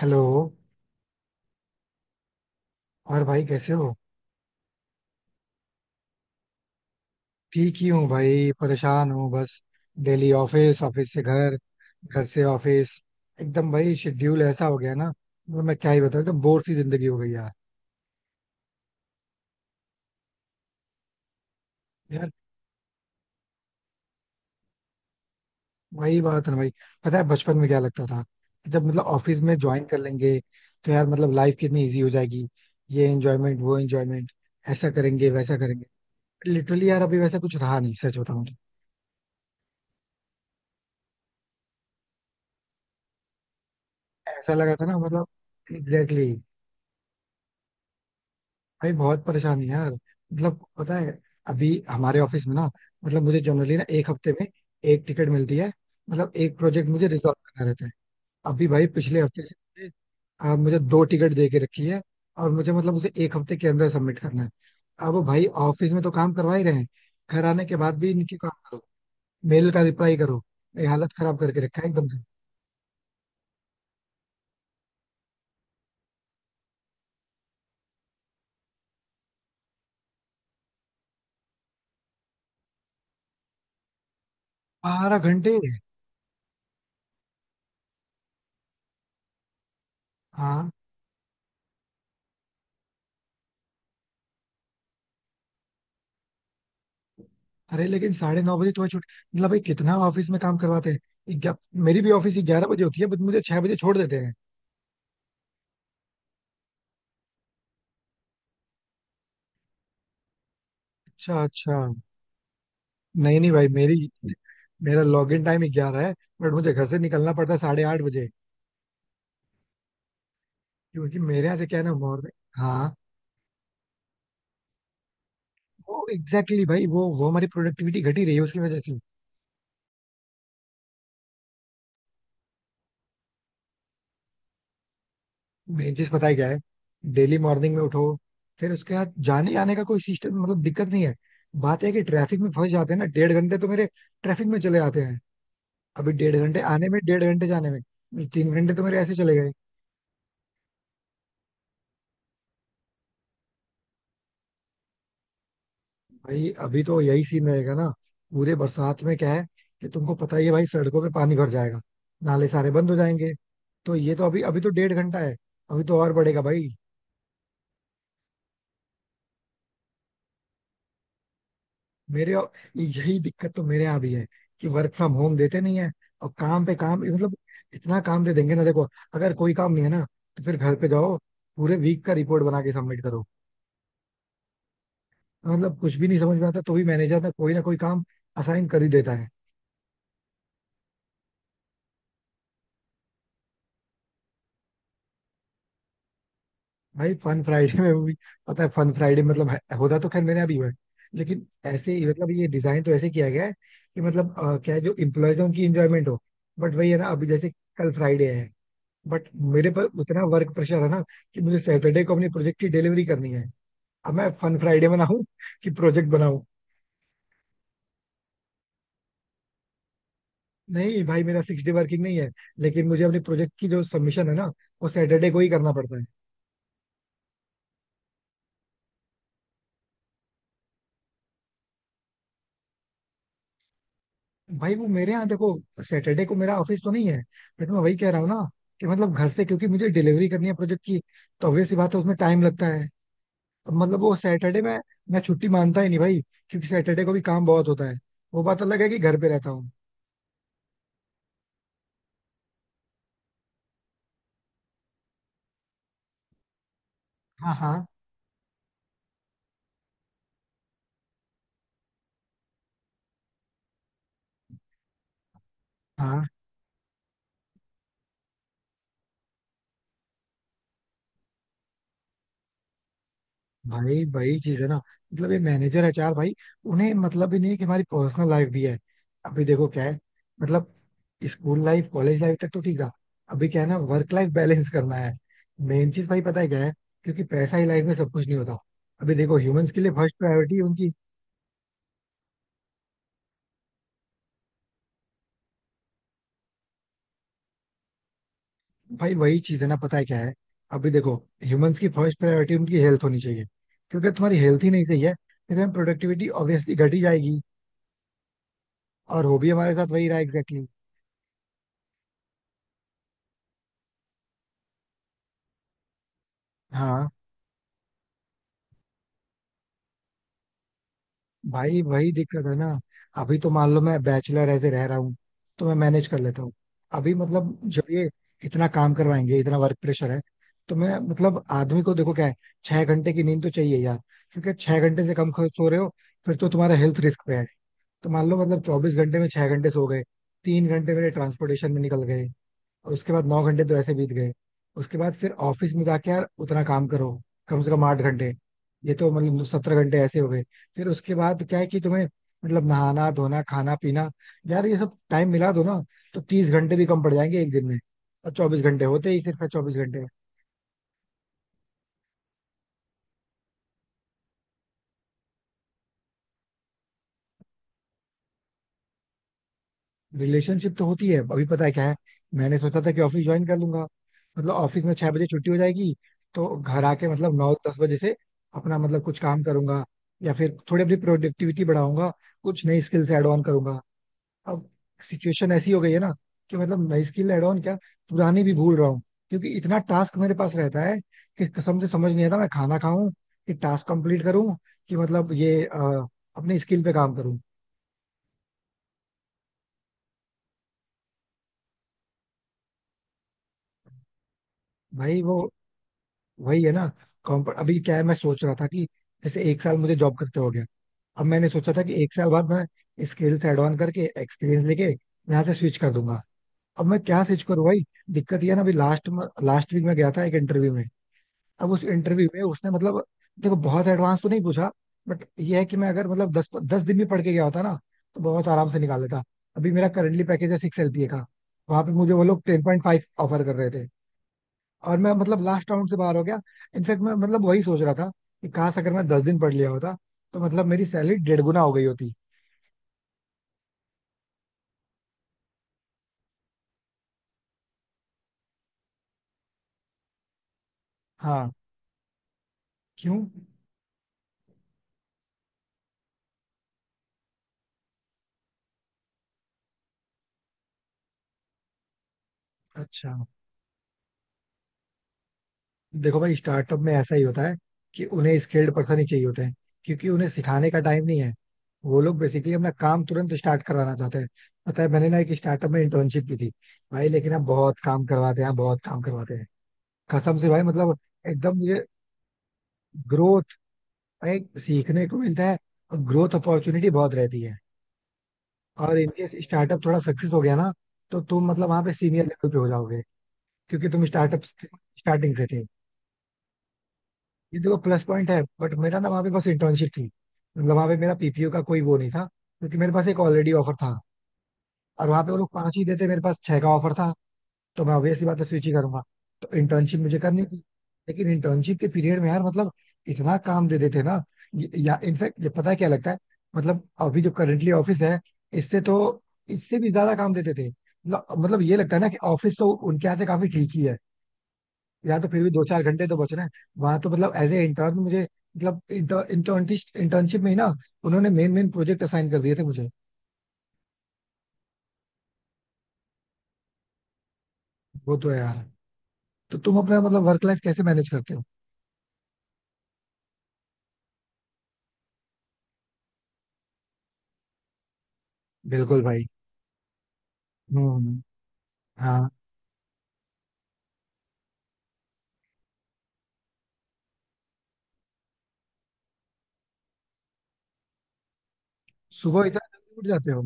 Hello. और भाई कैसे हो? ठीक ही हूँ भाई, परेशान हूँ बस। डेली ऑफिस ऑफिस से घर, घर से ऑफिस। एकदम भाई शेड्यूल ऐसा हो गया ना, मतलब मैं क्या ही बताऊँ, एकदम बोर सी जिंदगी हो गई यार यार वही बात है ना भाई। पता है बचपन में क्या लगता था कि जब मतलब ऑफिस में ज्वाइन कर लेंगे, तो यार मतलब लाइफ कितनी इजी हो जाएगी, ये एंजॉयमेंट वो एंजॉयमेंट, ऐसा करेंगे वैसा करेंगे। लिटरली यार अभी वैसा कुछ रहा नहीं सच बताऊँ तो। ऐसा लगा था ना मतलब। एग्जैक्टली। भाई बहुत परेशानी है यार, मतलब पता है अभी हमारे ऑफिस में ना, मतलब मुझे जनरली ना एक हफ्ते में एक टिकट मिलती है, मतलब एक प्रोजेक्ट मुझे रिजॉल्व करना रहता है। अभी भाई पिछले हफ्ते से मुझे दो टिकट दे के रखी है, और मुझे मतलब उसे एक हफ्ते के अंदर सबमिट करना है। अब भाई ऑफिस में तो काम करवा ही रहे हैं, घर आने के बाद भी इनकी काम करो, मेल का रिप्लाई करो, ये हालत खराब करके रखा है एकदम से। 12 घंटे। हाँ, अरे लेकिन 9:30 बजे तुम्हें छुट्टी, मतलब भाई कितना ऑफिस में काम करवाते हैं मेरी भी ऑफिस 11 बजे होती है बट मुझे 6 बजे छोड़ देते हैं। अच्छा अच्छा। नहीं नहीं भाई मेरी मेरा लॉग इन टाइम 11 है, बट मुझे घर से निकलना पड़ता है 8:30 बजे, क्योंकि मेरे यहाँ से क्या है ना मॉर्निंग। हाँ। वो एग्जैक्टली भाई वो हमारी प्रोडक्टिविटी घटी रही है उसकी वजह से। मेन चीज पता है क्या है, डेली मॉर्निंग में उठो, फिर उसके बाद जाने आने का कोई सिस्टम मतलब दिक्कत नहीं है। बात है कि ट्रैफिक में फंस जाते हैं ना, डेढ़ घंटे तो मेरे ट्रैफिक में चले जाते हैं। अभी डेढ़ घंटे आने में, डेढ़ घंटे जाने में, 3 घंटे तो मेरे ऐसे चले गए। भाई अभी तो यही सीन रहेगा ना। पूरे बरसात में क्या है कि तुमको पता ही है भाई, सड़कों पे पानी भर जाएगा, नाले सारे बंद हो जाएंगे। तो ये तो अभी अभी तो डेढ़ घंटा है, अभी तो और बढ़ेगा भाई। मेरे यही दिक्कत, तो मेरे यहाँ भी है कि वर्क फ्रॉम होम देते नहीं है, और काम पे काम मतलब इतना काम दे देंगे ना देखो। अगर कोई काम नहीं है ना तो फिर घर पे जाओ, पूरे वीक का रिपोर्ट बना के सबमिट करो, मतलब कुछ भी नहीं समझ में आता तो भी मैनेजर ना कोई काम असाइन कर ही देता है। भाई फन फ्राइडे में भी, पता है फन फ्राइडे मतलब होता तो खैर मेरे यहाँ भी हुआ है, लेकिन ऐसे ही मतलब ये डिजाइन तो ऐसे किया गया है कि मतलब क्या है जो इम्प्लॉयज है उनकी इंजॉयमेंट हो। बट वही है ना, अभी जैसे कल फ्राइडे है, बट मेरे पर उतना वर्क प्रेशर है ना कि मुझे सैटरडे को अपने प्रोजेक्ट की डिलीवरी करनी है। अब मैं फन फ्राइडे बनाऊं कि प्रोजेक्ट बनाऊं। नहीं भाई मेरा सिक्स डे वर्किंग नहीं है, लेकिन मुझे अपने प्रोजेक्ट की जो सबमिशन है ना, वो सैटरडे को ही करना पड़ता है। भाई वो मेरे यहाँ देखो, सैटरडे को मेरा ऑफिस तो नहीं है, बट मैं वही कह रहा हूँ ना कि मतलब घर से, क्योंकि मुझे डिलीवरी करनी है प्रोजेक्ट की, तो ऑब्वियस सी बात है उसमें टाइम लगता है। अब मतलब वो सैटरडे में मैं छुट्टी मानता ही नहीं भाई, क्योंकि सैटरडे को भी काम बहुत होता है, वो बात अलग है कि घर पे रहता हूँ। हाँ हाँ हाँ। भाई वही चीज है ना, मतलब ये मैनेजर एचआर भाई, उन्हें मतलब भी नहीं है कि हमारी पर्सनल लाइफ भी है। अभी देखो क्या है, मतलब स्कूल लाइफ कॉलेज लाइफ तक तो ठीक था, अभी क्या है ना वर्क लाइफ बैलेंस करना है। मेन चीज भाई पता है क्या है, क्योंकि पैसा ही लाइफ में सब कुछ नहीं होता। अभी देखो ह्यूमंस के लिए फर्स्ट प्रायोरिटी उनकी। भाई वही चीज है ना, पता है क्या है। अभी देखो ह्यूमंस की फर्स्ट प्रायोरिटी उनकी हेल्थ होनी चाहिए, क्योंकि अगर तुम्हारी हेल्थ ही नहीं सही है तो प्रोडक्टिविटी ऑब्वियसली घट ही जाएगी। और हो भी हमारे साथ वही रहा एग्जैक्टली। हाँ। भाई वही दिक्कत है ना। अभी तो मान लो मैं बैचलर ऐसे रह रहा हूँ तो मैं मैनेज कर लेता हूँ। अभी मतलब जब ये इतना काम करवाएंगे, इतना वर्क प्रेशर है, तो मैं मतलब आदमी को देखो क्या है, 6 घंटे की नींद तो चाहिए यार। क्योंकि 6 घंटे से कम सो रहे हो, फिर तो तुम्हारा हेल्थ रिस्क पे है। तो मान लो मतलब 24 घंटे में 6 घंटे सो गए, 3 घंटे मेरे ट्रांसपोर्टेशन में निकल गए, और उसके बाद 9 घंटे तो ऐसे बीत गए। उसके बाद फिर ऑफिस में जाके यार उतना काम करो, कम से कम 8 घंटे। ये तो मतलब 17 घंटे ऐसे हो गए। फिर उसके बाद क्या है कि तुम्हें मतलब नहाना धोना खाना पीना, यार ये सब टाइम मिला दो ना तो 30 घंटे भी कम पड़ जाएंगे एक दिन में। और 24 घंटे होते ही सिर्फ 24 घंटे। रिलेशनशिप तो होती है, अभी पता है क्या है, मैंने सोचा था कि ऑफिस ज्वाइन कर लूंगा, मतलब ऑफिस में 6 बजे छुट्टी हो जाएगी, तो घर आके मतलब 9-10 बजे से अपना मतलब कुछ काम करूंगा, या फिर थोड़ी अपनी प्रोडक्टिविटी बढ़ाऊंगा, कुछ नई स्किल्स ऐड ऑन करूंगा। अब सिचुएशन ऐसी हो गई है ना कि मतलब नई स्किल ऐड ऑन क्या, पुरानी भी भूल रहा हूँ, क्योंकि इतना टास्क मेरे पास रहता है कि कसम से समझ नहीं आता मैं खाना खाऊं कि टास्क कंप्लीट करूं कि मतलब ये अपनी स्किल पे काम करूं। भाई वो वही है ना। कॉम्प अभी क्या है मैं सोच रहा था कि जैसे एक साल मुझे जॉब करते हो गया, अब मैंने सोचा था कि एक साल बाद मैं स्किल्स एड ऑन करके एक्सपीरियंस लेके यहाँ से स्विच कर दूंगा। अब मैं क्या स्विच करूँ भाई। दिक्कत ये है ना, अभी लास्ट लास्ट वीक में गया था एक इंटरव्यू में। अब उस इंटरव्यू में उसने मतलब देखो बहुत एडवांस तो नहीं पूछा, बट ये है कि मैं अगर मतलब दस दस दिन भी पढ़ के गया होता ना, तो बहुत आराम से निकाल लेता। अभी मेरा करंटली पैकेज है 6 LPA का, वहां पे मुझे वो लोग 10.5 ऑफर कर रहे थे, और मैं मतलब लास्ट राउंड से बाहर हो गया। इनफैक्ट मैं मतलब वही सोच रहा था कि काश अगर मैं 10 दिन पढ़ लिया होता, तो मतलब मेरी सैलरी डेढ़ गुना हो गई होती। हाँ। क्यों? अच्छा। देखो भाई स्टार्टअप में ऐसा ही होता है कि उन्हें स्किल्ड पर्सन ही चाहिए होते हैं, क्योंकि उन्हें सिखाने का टाइम नहीं है। वो लोग बेसिकली अपना काम तुरंत स्टार्ट करवाना चाहते हैं। पता है मैंने ना एक स्टार्टअप में इंटर्नशिप की थी भाई, लेकिन आप बहुत काम करवाते हैं बहुत काम करवाते हैं। कसम से भाई मतलब एकदम मुझे ग्रोथ भाई, सीखने को मिलता है, और ग्रोथ अपॉर्चुनिटी बहुत रहती है। और इनकेस स्टार्टअप थोड़ा सक्सेस हो गया ना, तो तुम मतलब वहां पे सीनियर लेवल पे हो जाओगे, क्योंकि तुम स्टार्टअप स्टार्टिंग से थे। ये देखो प्लस पॉइंट है, बट मेरा ना वहाँ पे बस इंटर्नशिप थी, मतलब वहाँ पे मेरा पीपीओ का कोई वो नहीं था, क्योंकि मेरे पास एक ऑलरेडी ऑफर था, और वहाँ पे वो लोग 5 ही देते, मेरे पास 6 का ऑफर था, तो मैं ऑब्वियसली बात है स्विच ही करूंगा। तो इंटर्नशिप मुझे करनी थी, लेकिन इंटर्नशिप के पीरियड में यार मतलब इतना काम दे देते ना, या इनफैक्ट ये पता है क्या लगता है, मतलब अभी जो करंटली ऑफिस है इससे तो इससे भी ज्यादा काम देते थे, मतलब ये लगता है ना कि ऑफिस तो उनके यहाँ से काफी ठीक ही है, यहाँ तो फिर भी 2-4 घंटे तो बच रहे हैं, वहां तो मतलब एज ए इंटर्न मुझे मतलब इंटर्नशिप इंटर्नशिप में ही ना उन्होंने मेन मेन प्रोजेक्ट असाइन कर दिए थे मुझे। वो तो है यार। तो तुम अपना मतलब वर्क लाइफ कैसे मैनेज करते हो? बिल्कुल भाई। हम्म। हाँ। सुबह इतना जल्दी उठ जाते हो?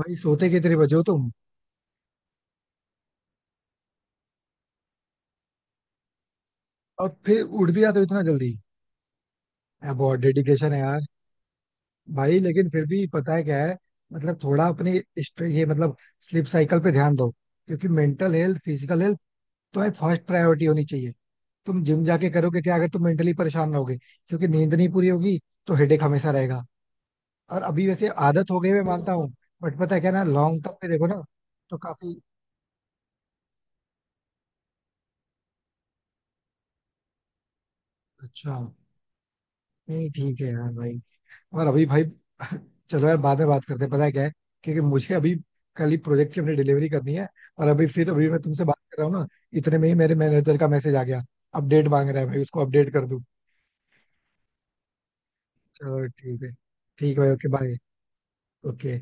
भाई सोते कितने बजे हो तुम? और फिर उठ भी जाते हो इतना जल्दी। यार बहुत डेडिकेशन है यार। भाई लेकिन फिर भी पता है क्या है, मतलब थोड़ा अपने ये मतलब स्लीप साइकिल पे ध्यान दो, क्योंकि मेंटल हेल्थ फिजिकल हेल्थ तुम्हें फर्स्ट प्रायोरिटी होनी चाहिए। तुम जिम जाके करोगे क्या अगर तुम मेंटली परेशान रहोगे, क्योंकि नींद नहीं पूरी होगी तो हेडेक हमेशा रहेगा। और अभी वैसे आदत हो गई मैं मानता हूँ, बट पता है क्या ना लॉन्ग टर्म पे देखो ना। तो काफी अच्छा। नहीं ठीक है यार भाई, और अभी भाई चलो यार बाद में बात करते हैं, पता है क्या है, क्योंकि मुझे अभी कल ही प्रोजेक्ट की अपनी डिलीवरी करनी है। और अभी फिर अभी मैं तुमसे बात कर रहा हूँ ना, इतने में ही मेरे मैनेजर का मैसेज आ गया, अपडेट मांग रहा है भाई, उसको अपडेट कर दूँ। चलो ठीक है। ठीक है भाई, ओके बाय। ओके।